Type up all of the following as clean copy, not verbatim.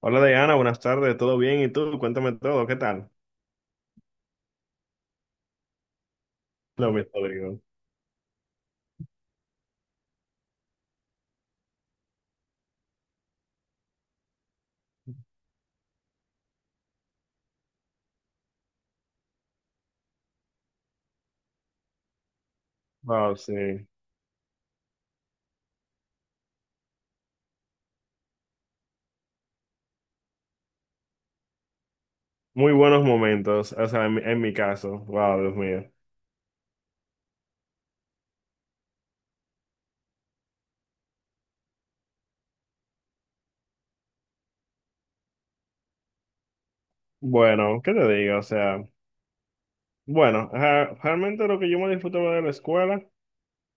Hola Diana, buenas tardes, ¿todo bien? ¿Y tú? Cuéntame todo, ¿qué tal? Lo mismo, digo. Wow, sí. Muy buenos momentos, o sea, en mi caso. Wow, Dios mío. Bueno, ¿qué te digo? O sea, bueno, ajá, realmente lo que yo me disfrutaba de la escuela.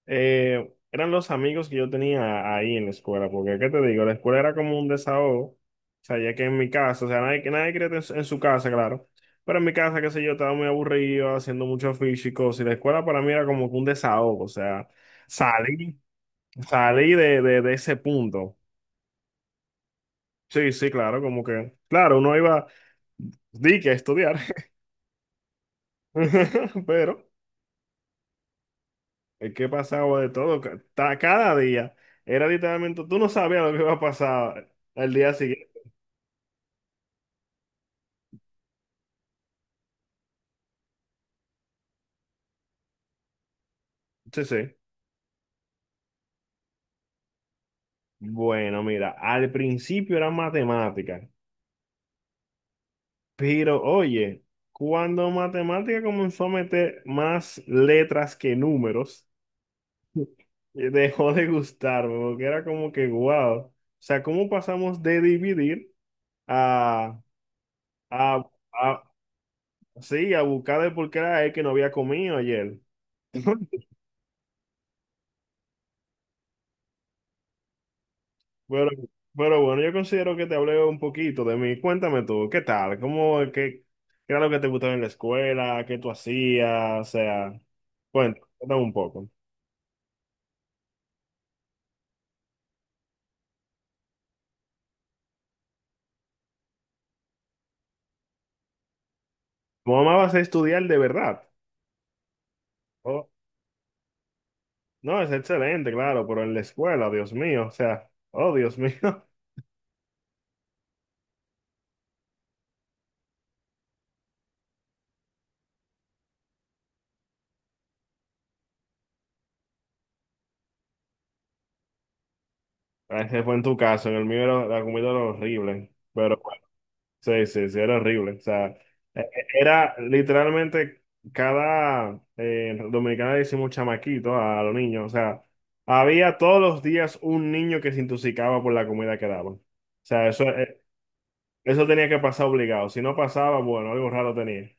Eran los amigos que yo tenía ahí en la escuela, porque, ¿qué te digo? La escuela era como un desahogo, o sea, ya que en mi casa, o sea, nadie quería estar en su casa, claro, pero en mi casa, qué sé yo, estaba muy aburrido, haciendo mucho físico y la escuela para mí era como que un desahogo, o sea, salí, salí de ese punto. Sí, sí, claro, como que, claro, uno iba, di que a estudiar, pero es que pasaba de todo, cada día, era literalmente, tú no sabías lo que iba a pasar. El día siguiente. Sí, sí. Bueno, mira, al principio era matemática, pero oye, cuando matemática comenzó a meter más letras que números, dejó de gustarme, porque era como que, wow, o sea, ¿cómo pasamos de dividir a, a, a- sí, a buscar el por qué era él que no había comido ayer? Pero, pero bueno, yo considero que te hablé un poquito de mí. Cuéntame tú, ¿qué tal? ¿Cómo, qué era lo que te gustaba en la escuela? ¿Qué tú hacías? O sea, cuéntame un poco. ¿Cómo amabas estudiar de verdad? Oh, no, es excelente, claro, pero en la escuela, Dios mío, o sea, oh, Dios mío. Ese fue en tu caso, en el mío era la comida era horrible, pero sí, sí, sí, era horrible. O sea, e- e- era literalmente cada dominicana le decimos chamaquito a los niños. O sea, había todos los días un niño que se intoxicaba por la comida que daban. O sea, eso, eso tenía que pasar obligado. Si no pasaba, bueno, algo raro tenía.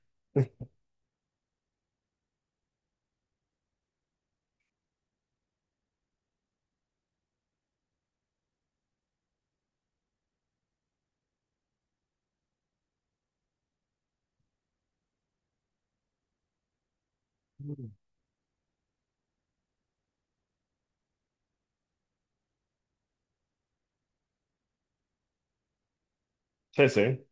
Mm. Sí, sí.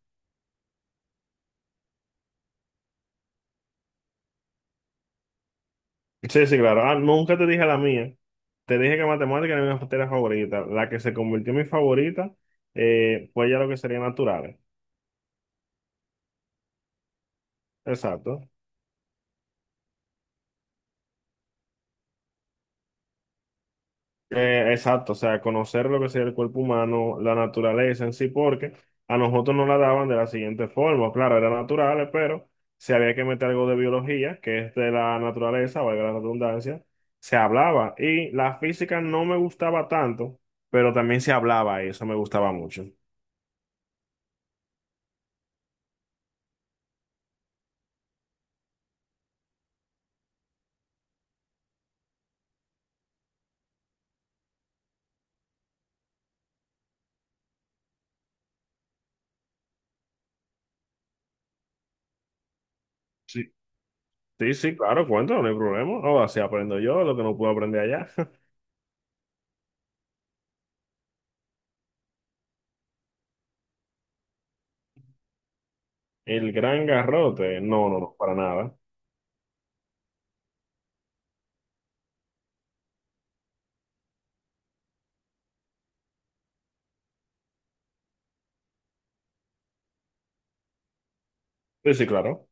Sí, sí, claro. Ah, nunca te dije la mía. Te dije que matemática era mi materia favorita. La que se convirtió en mi favorita, fue ya lo que sería naturales. Exacto. Exacto, o sea, conocer lo que sería el cuerpo humano, la naturaleza en sí, porque a nosotros nos la daban de la siguiente forma, claro, eran naturales, pero si había que meter algo de biología, que es de la naturaleza, valga la redundancia, se hablaba. Y la física no me gustaba tanto, pero también se hablaba y eso me gustaba mucho. Sí. Sí, sí, claro, cuéntalo, no hay problema. O así aprendo yo lo que no puedo aprender allá. El gran garrote, no, no, no, para nada. Sí, sí, claro.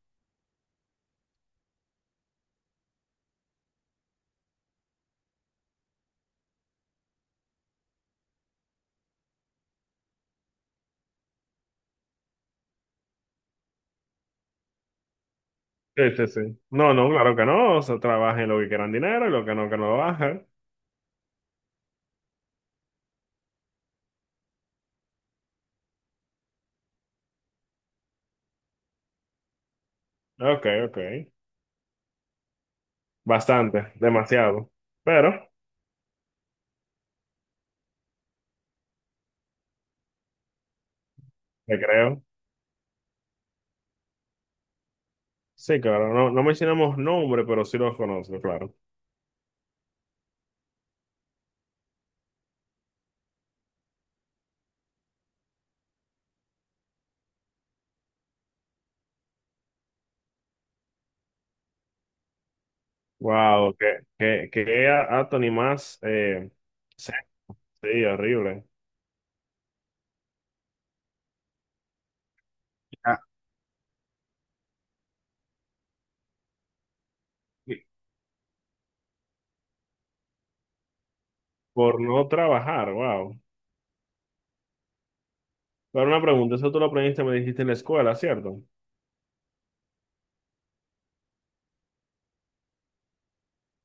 Sí, sí, sí. No, no, claro que no. O sea, trabajen lo que quieran dinero y lo que no lo bajen. Ok, ok. Bastante, demasiado. Pero, te creo. Sí, claro. No, no mencionamos nombre, pero sí los conozco, claro. Wow, qué Anthony más sexy, horrible. Ah, y- por no trabajar, wow. Pero una pregunta, eso tú lo aprendiste, me dijiste en la escuela, ¿cierto?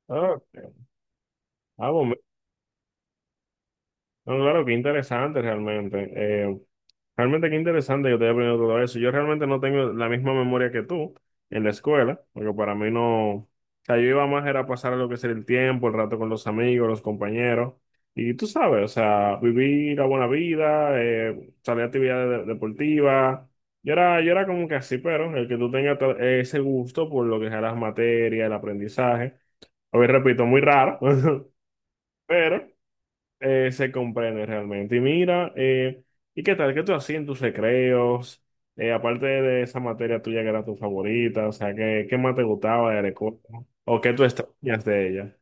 Ok. Ah, bueno, no, claro, qué interesante realmente. Eh, Realmente qué interesante que te haya aprendido todo eso. Yo realmente no tengo la misma memoria que tú en la escuela, porque para mí no, o sea, yo iba más era a pasar lo que sería el tiempo, el rato con los amigos, los compañeros, y tú sabes, o sea, vivir la buena vida, salir a actividades deportivas. Yo era como que así, pero el que tú tengas ese gusto por lo que sea las materias, el aprendizaje, a ver, repito, muy raro, pero se comprende realmente. Y mira, ¿y qué tal? ¿Qué tú hacías en tus recreos? Aparte de esa materia tuya que era tu favorita, o sea, qué más te gustaba de la escuela? ¿O qué tú extrañas de ella?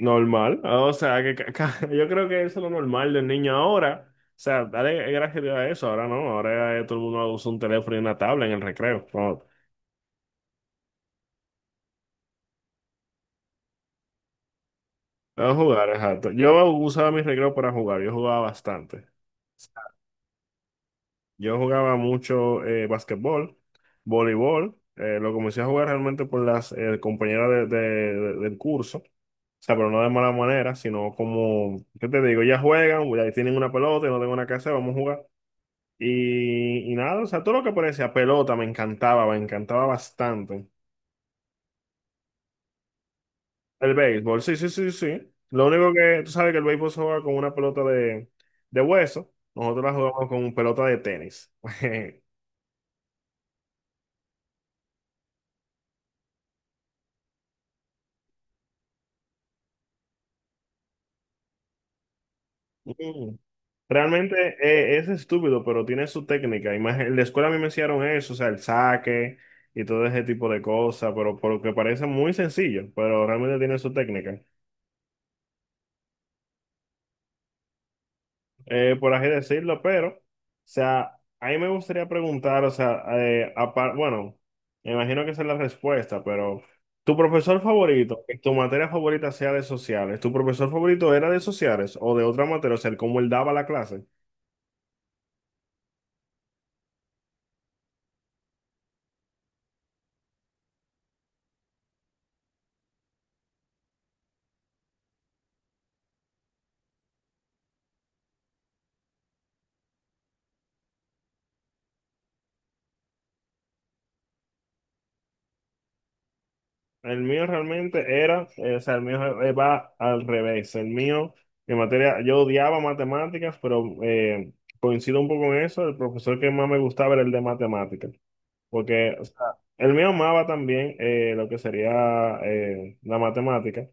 Normal, o sea, que yo creo que eso es lo normal del niño ahora. O sea, dale gracias a Dios a eso, ahora no, ahora todo el mundo usa un teléfono y una tabla en el recreo. No, a jugar, exacto. Yo usaba mis recreos para jugar, yo jugaba bastante. Yo jugaba mucho basquetbol, voleibol. Lo comencé a jugar realmente por las compañeras del curso. O sea, pero no de mala manera, sino como, ¿qué te digo? Ya juegan, ya tienen una pelota, yo no tengo nada que hacer, vamos a jugar. Y nada, o sea, todo lo que parecía pelota me encantaba bastante. El béisbol, sí, sí, sí, sí. Lo único que, tú sabes que el béisbol se juega con una pelota de hueso, nosotros la jugamos con pelota de tenis. Mm. Realmente es estúpido, pero tiene su técnica. En la escuela a mí me enseñaron eso, o sea, el saque y todo ese tipo de cosas, pero porque parece muy sencillo, pero realmente tiene su técnica, por así decirlo. Pero, o sea, a mí me gustaría preguntar, o sea, bueno, me imagino que esa es la respuesta, pero tu profesor favorito, que tu materia favorita sea de sociales, ¿tu profesor favorito era de sociales o de otra materia? O sea, cómo él daba la clase. El mío realmente era, o sea, el mío va al revés. El mío, en materia, yo odiaba matemáticas, pero coincido un poco en eso. El profesor que más me gustaba era el de matemáticas, porque, o sea, el mío amaba también lo que sería la matemática,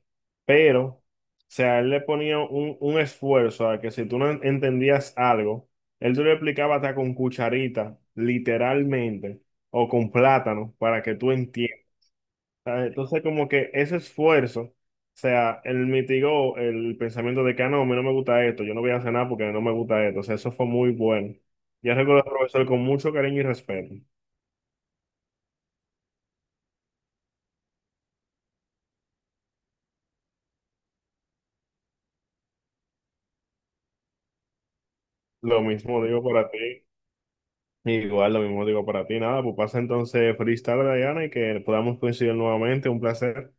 pero, o sea, él le ponía un esfuerzo a que si tú no entendías algo, él te lo explicaba hasta con cucharita, literalmente, o con plátano, para que tú entiendas. Ah, entonces, como que ese esfuerzo, o sea, él mitigó el pensamiento de que, "Ah, no, a mí no me gusta esto, yo no voy a hacer nada porque no me gusta esto". O sea, eso fue muy bueno. Yo recuerdo al profesor con mucho cariño y respeto. Lo mismo digo para ti, igual lo mismo digo para ti. Nada, pues pasa entonces freestyle, Diana, y que podamos coincidir nuevamente. Un placer.